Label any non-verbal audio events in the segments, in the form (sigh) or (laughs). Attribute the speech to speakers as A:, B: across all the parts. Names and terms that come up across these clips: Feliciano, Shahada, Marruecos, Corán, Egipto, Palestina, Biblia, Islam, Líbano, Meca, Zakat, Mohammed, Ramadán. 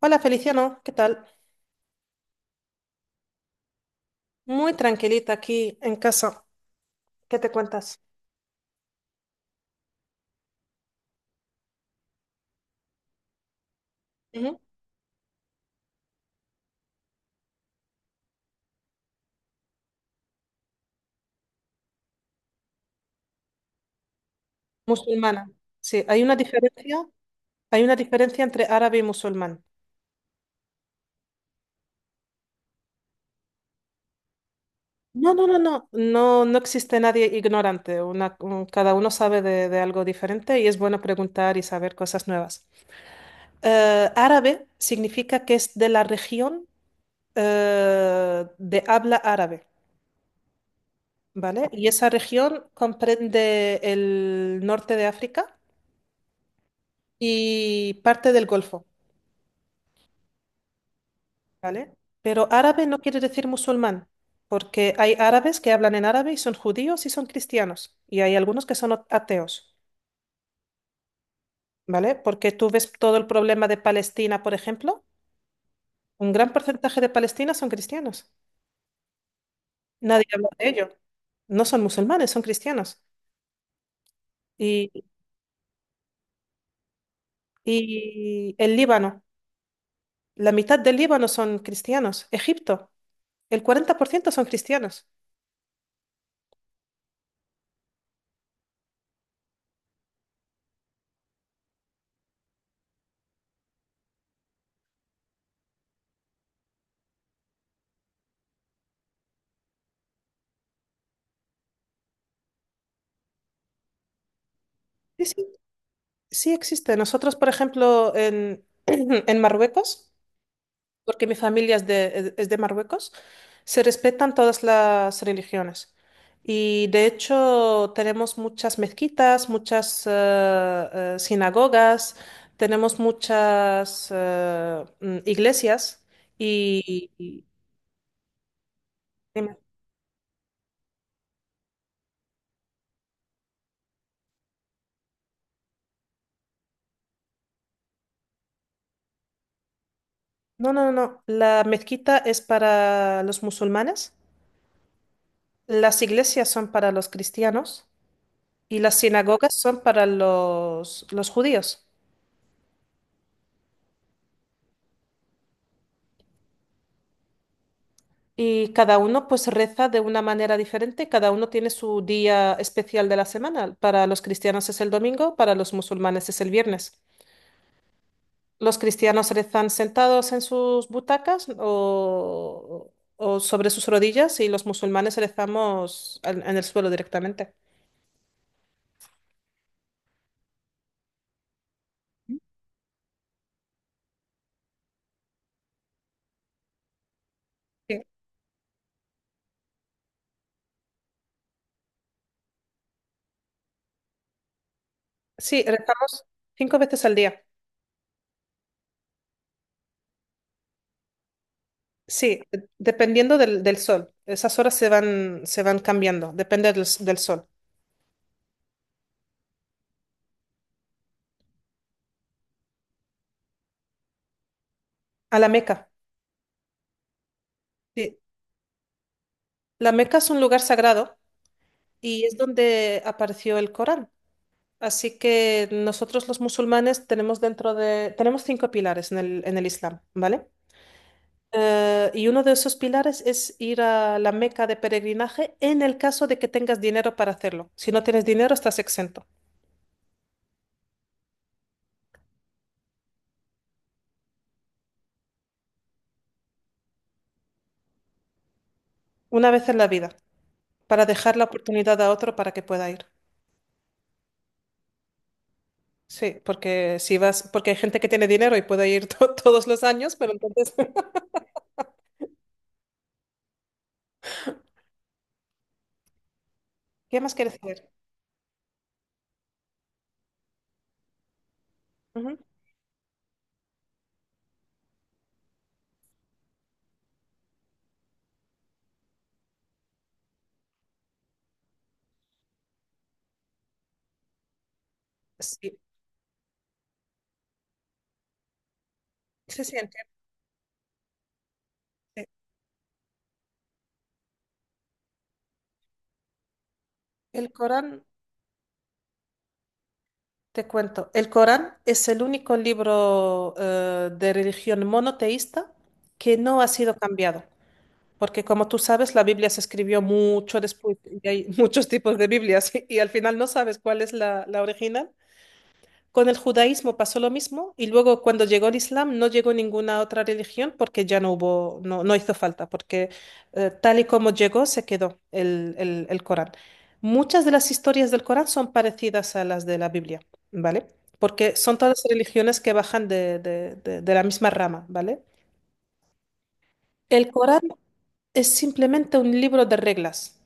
A: Hola Feliciano, ¿qué tal? Muy tranquilita aquí en casa. ¿Qué te cuentas? Ujú. Musulmana. Sí, hay una diferencia entre árabe y musulmán. No, no, no, no, no, no existe nadie ignorante. Cada uno sabe de algo diferente y es bueno preguntar y saber cosas nuevas. Árabe significa que es de la región de habla árabe, ¿vale? Y esa región comprende el norte de África y parte del Golfo. ¿Vale? Pero árabe no quiere decir musulmán, porque hay árabes que hablan en árabe y son judíos y son cristianos, y hay algunos que son ateos, ¿vale? Porque tú ves todo el problema de Palestina, por ejemplo, un gran porcentaje de Palestina son cristianos. Nadie habla de ello. No son musulmanes, son cristianos. Y, y el Líbano, la mitad del Líbano son cristianos. Egipto, el 40% son cristianos. Sí, sí, sí existe. Nosotros, por ejemplo, (clears throat) en Marruecos, porque mi familia es de Marruecos, se respetan todas las religiones. Y de hecho tenemos muchas mezquitas, muchas sinagogas, tenemos muchas iglesias y... y- Dime. No, no, no, la mezquita es para los musulmanes, las iglesias son para los cristianos y las sinagogas son para los judíos. Y cada uno pues reza de una manera diferente, cada uno tiene su día especial de la semana. Para los cristianos es el domingo, para los musulmanes es el viernes. Los cristianos rezan sentados en sus butacas o sobre sus rodillas y los musulmanes rezamos en el suelo directamente. Sí, sí, rezamos cinco veces al día. Sí, dependiendo del sol. Esas horas se van cambiando, depende del sol. A la Meca. Sí. La Meca es un lugar sagrado y es donde apareció el Corán. Así que nosotros los musulmanes tenemos tenemos cinco pilares en el Islam, ¿vale? Y uno de esos pilares es ir a la Meca de peregrinaje en el caso de que tengas dinero para hacerlo. Si no tienes dinero, estás exento. Una vez en la vida, para dejar la oportunidad a otro para que pueda ir. Sí, porque si vas, porque hay gente que tiene dinero y puede ir (laughs) todos los años, pero entonces, (laughs) ¿qué más quieres hacer? Ujú. Sí, sí, sí, entiendo. Sí. El Corán. Te cuento, el Corán es el único libro de religión monoteísta que no ha sido cambiado, porque como tú sabes, la Biblia se escribió mucho después y hay (laughs) muchos tipos de Biblias y, al final no sabes cuál es la original. Con el judaísmo pasó lo mismo y luego cuando llegó el Islam no llegó ninguna otra religión porque ya no hubo, no hizo falta, porque tal y como llegó se quedó el Corán. Muchas de las historias del Corán son parecidas a las de la Biblia, ¿vale? Porque son todas religiones que bajan de la misma rama, ¿vale? El Corán es simplemente un libro de reglas.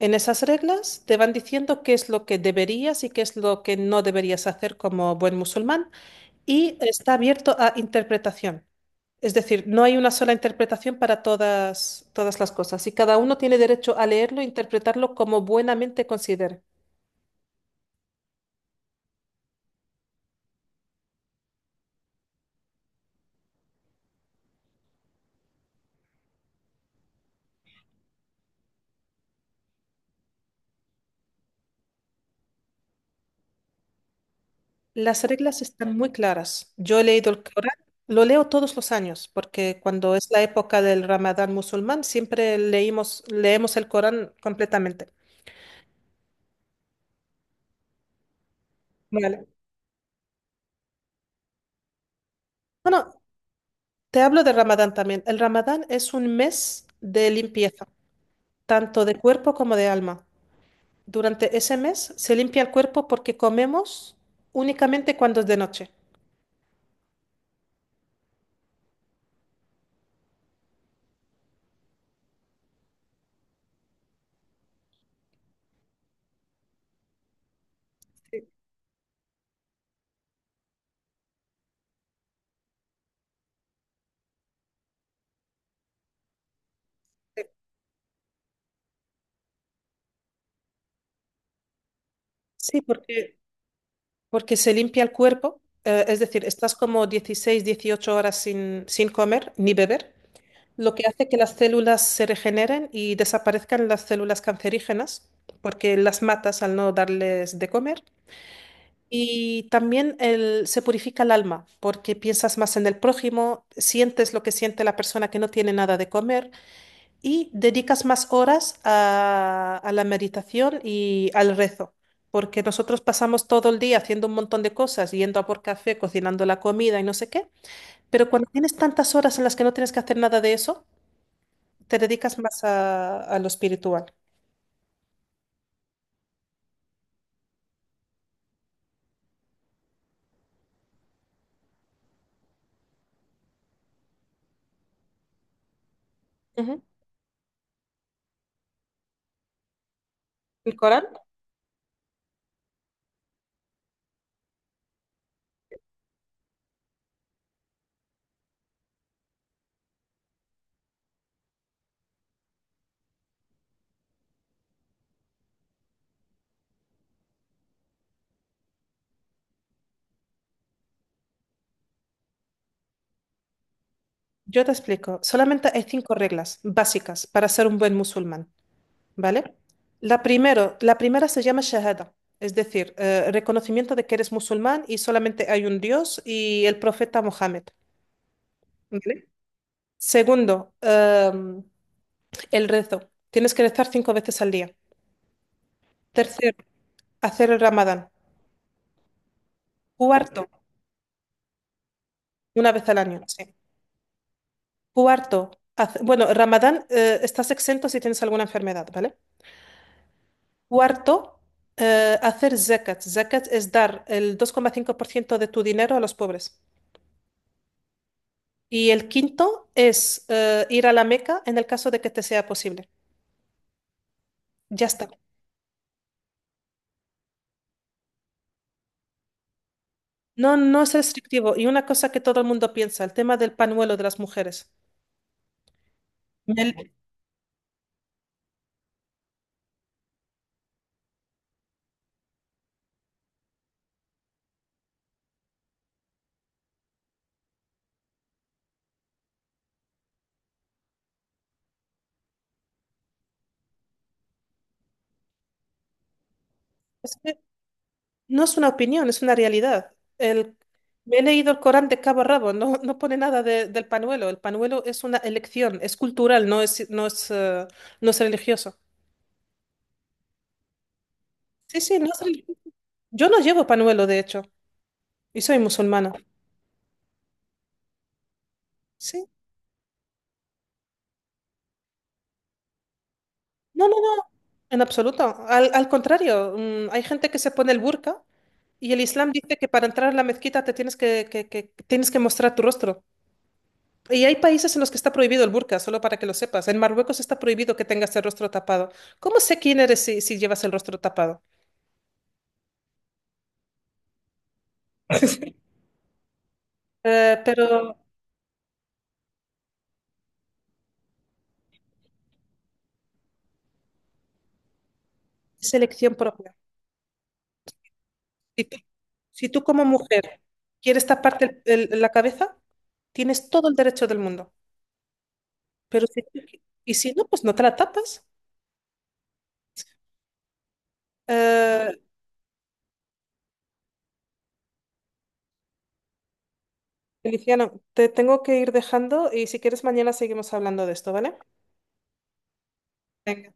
A: En esas reglas te van diciendo qué es lo que deberías y qué es lo que no deberías hacer como buen musulmán y está abierto a interpretación. Es decir, no hay una sola interpretación para todas, todas las cosas y cada uno tiene derecho a leerlo e interpretarlo como buenamente considere. Las reglas están muy claras. Yo he leído el Corán, lo leo todos los años, porque cuando es la época del Ramadán musulmán siempre leemos el Corán completamente. Vale. Bueno, te hablo del Ramadán también. El Ramadán es un mes de limpieza, tanto de cuerpo como de alma. Durante ese mes se limpia el cuerpo porque comemos únicamente cuando es de noche. Sí, sí. Sí, porque se limpia el cuerpo, es decir, estás como 16, 18 horas sin comer ni beber, lo que hace que las células se regeneren y desaparezcan las células cancerígenas, porque las matas al no darles de comer. Y también se purifica el alma, porque piensas más en el prójimo, sientes lo que siente la persona que no tiene nada de comer, y dedicas más horas a la meditación y al rezo, porque nosotros pasamos todo el día haciendo un montón de cosas, yendo a por café, cocinando la comida y no sé qué, pero cuando tienes tantas horas en las que no tienes que hacer nada de eso, te dedicas más a lo espiritual. Ujú. ¿El Corán? Yo te explico, solamente hay cinco reglas básicas para ser un buen musulmán. ¿Vale? La primera se llama Shahada, es decir, reconocimiento de que eres musulmán y solamente hay un Dios y el profeta Mohammed, ¿vale? Segundo, el rezo. Tienes que rezar cinco veces al día. Tercero, hacer el Ramadán. Cuarto, una vez al año, sí. Cuarto, bueno, Ramadán, estás exento si tienes alguna enfermedad, ¿vale? Cuarto, hacer zakat. Zakat es dar el 2,5% de tu dinero a los pobres. Y el quinto es ir a la Meca en el caso de que te sea posible. Ya está. No, no es restrictivo. Y una cosa que todo el mundo piensa, el tema del panuelo de las mujeres. Me l- es que no es una opinión, es una realidad. Me he leído el Corán de cabo a rabo, no pone nada del panuelo. El panuelo es una elección, es cultural, no es religioso. Sí, sí, no es religioso. Yo no llevo panuelo, de hecho, y soy musulmana. Sí. No, no, no, en absoluto. Al contrario, hay gente que se pone el burka y el Islam dice que para entrar a la mezquita te tienes que mostrar tu rostro. Y hay países en los que está prohibido el burka, solo para que lo sepas. En Marruecos está prohibido que tengas el rostro tapado. ¿Cómo sé quién eres si llevas el rostro tapado? (laughs) Pero es elección propia. Si tú, si tú como mujer quieres taparte la cabeza, tienes todo el derecho del mundo. Pero si, y si no, pues no te la tapas. Eh, Feliciano, te tengo que ir dejando y si quieres mañana seguimos hablando de esto, ¿vale? Venga.